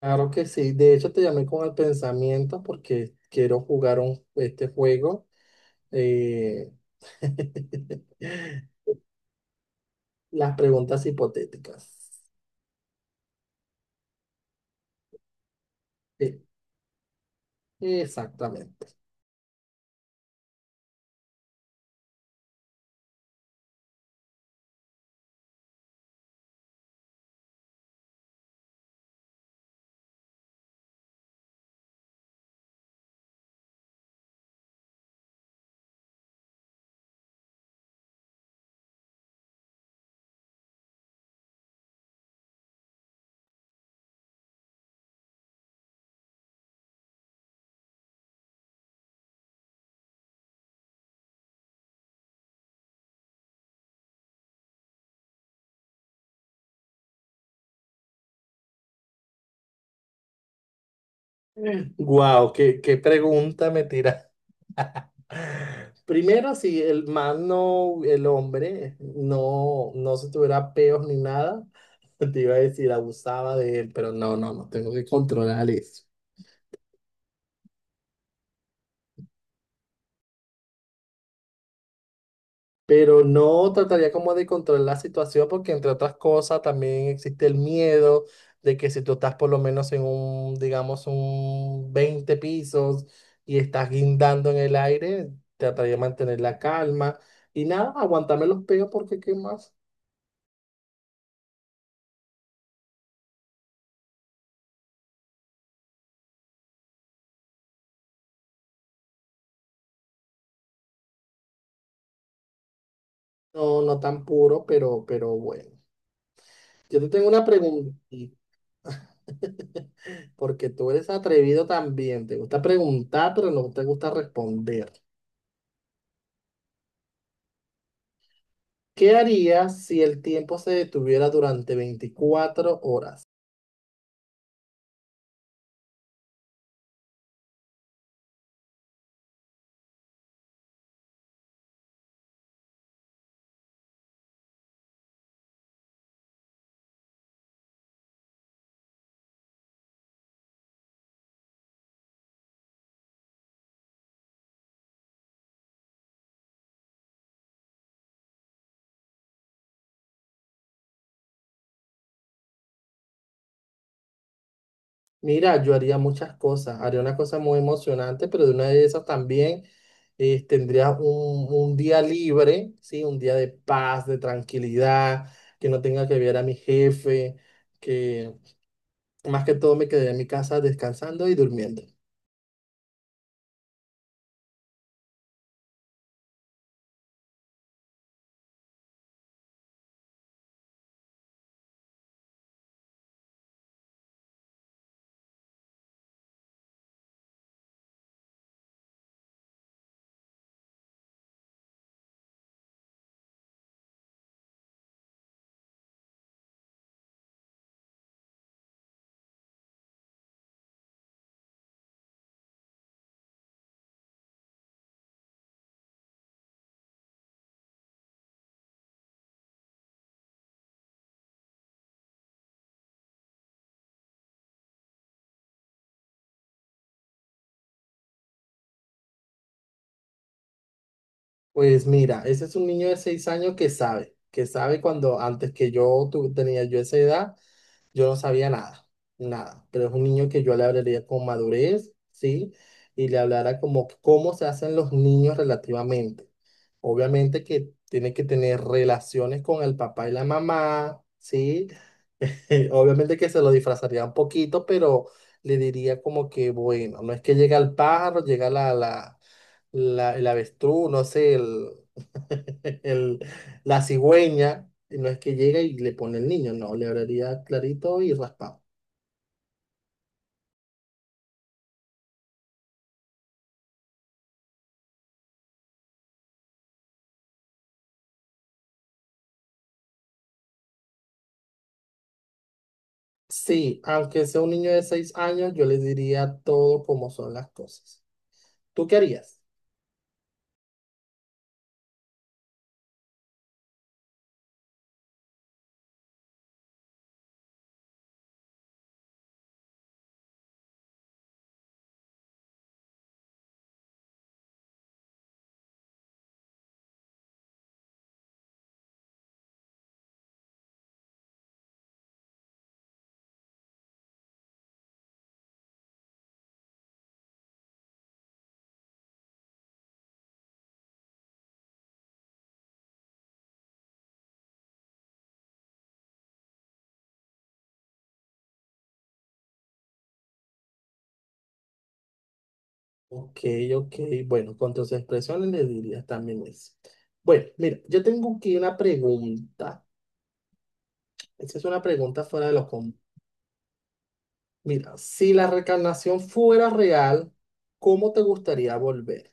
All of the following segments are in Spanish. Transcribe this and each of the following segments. Claro que sí. De hecho, te llamé con el pensamiento porque quiero jugar este juego. eh, las preguntas hipotéticas. Eh, Exactamente. Wow, qué pregunta me tira. Primero, si el hombre no se tuviera peos ni nada, te iba a decir abusaba de él, pero no, tengo que controlar eso. Pero no trataría como de controlar la situación porque entre otras cosas también existe el miedo de que si tú estás por lo menos en un, digamos, un 20 pisos y estás guindando en el aire, trataría de mantener la calma y nada, aguantarme los pegos porque qué más, no, no tan puro, pero bueno. Yo te tengo una pregunta, porque tú eres atrevido también, te gusta preguntar, pero no te gusta responder. ¿Qué harías si el tiempo se detuviera durante 24 horas? Mira, yo haría muchas cosas. Haría una cosa muy emocionante, pero de una de esas también tendría un día libre, ¿sí? Un día de paz, de tranquilidad, que no tenga que ver a mi jefe, que más que todo me quedé en mi casa descansando y durmiendo. Pues mira, ese es un niño de 6 años que sabe cuando antes que tenía yo esa edad. Yo no sabía nada, nada, pero es un niño que yo le hablaría con madurez, ¿sí? Y le hablara como cómo se hacen los niños relativamente. Obviamente que tiene que tener relaciones con el papá y la mamá, ¿sí? Obviamente que se lo disfrazaría un poquito, pero le diría como que, bueno, no es que llega el pájaro, llega el avestruz, no sé, el- la cigüeña, y no es que llega y le pone el niño, no, le hablaría clarito y raspado. Sí, aunque sea un niño de 6 años, yo les diría todo como son las cosas. ¿Tú qué harías? Ok, ok. Bueno, con tus expresiones les dirías también eso. Bueno, mira, yo tengo aquí una pregunta. Esa es una pregunta fuera de lo común. Mira, si la reencarnación fuera real, ¿cómo te gustaría volver?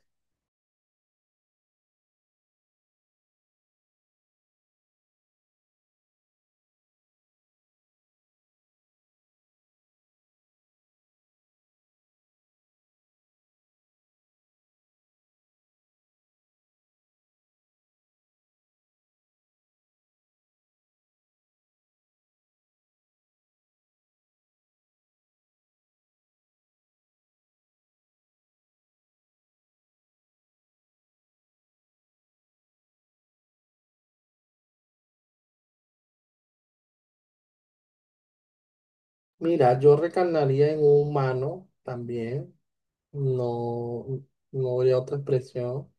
Mira, yo reencarnaría en un humano también. No, no habría otra expresión.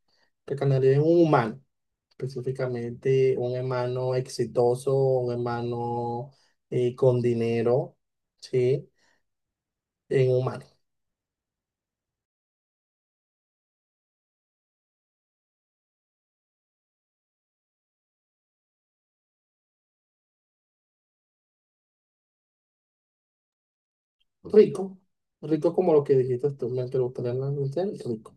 Reencarnaría en un humano, específicamente un hermano exitoso, un hermano con dinero, ¿sí? En un mano. Rico, rico como lo que dijiste tú, me preguntaron en la noche, rico.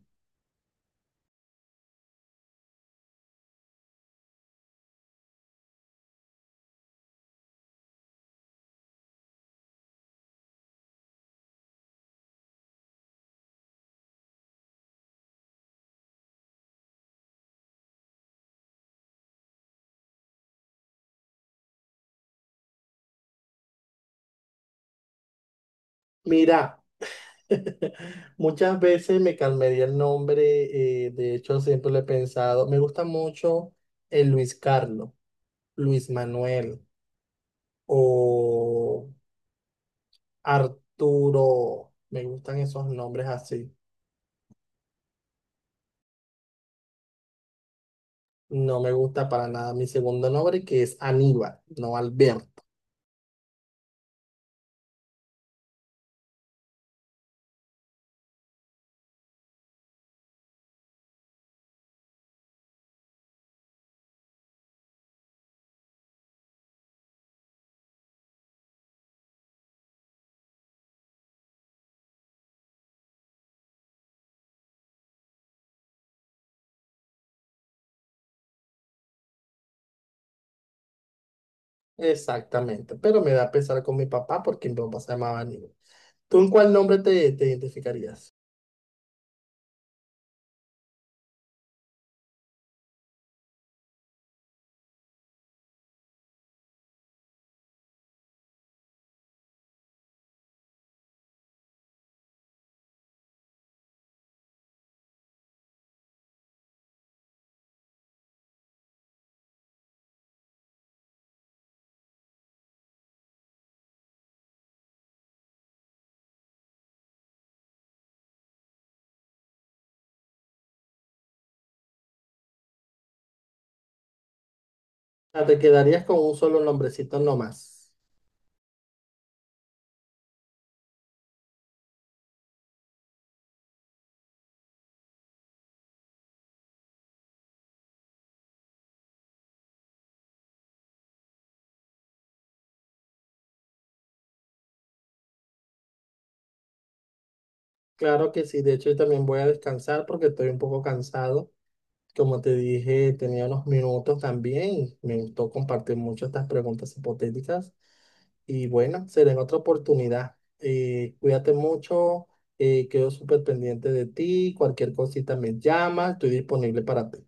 Mira, muchas veces me cambiaría el nombre, de hecho siempre lo he pensado, me gusta mucho el Luis Carlos, Luis Manuel o Arturo, me gustan esos nombres así. No me gusta para nada mi segundo nombre, que es Aníbal, no Alberto. Exactamente. Pero me da pesar con mi papá porque mi papá se llamaba Aníbal. ¿Tú en cuál te identificarías? Ah, ¿te quedarías con un solo nombrecito nomás? Claro que sí. De hecho, yo también voy a descansar porque estoy un poco cansado. Como te dije, tenía unos minutos también. Me gustó compartir mucho estas preguntas hipotéticas. Y bueno, será en otra oportunidad. Cuídate mucho, quedo súper pendiente de ti, cualquier cosita me llamas, estoy disponible para ti.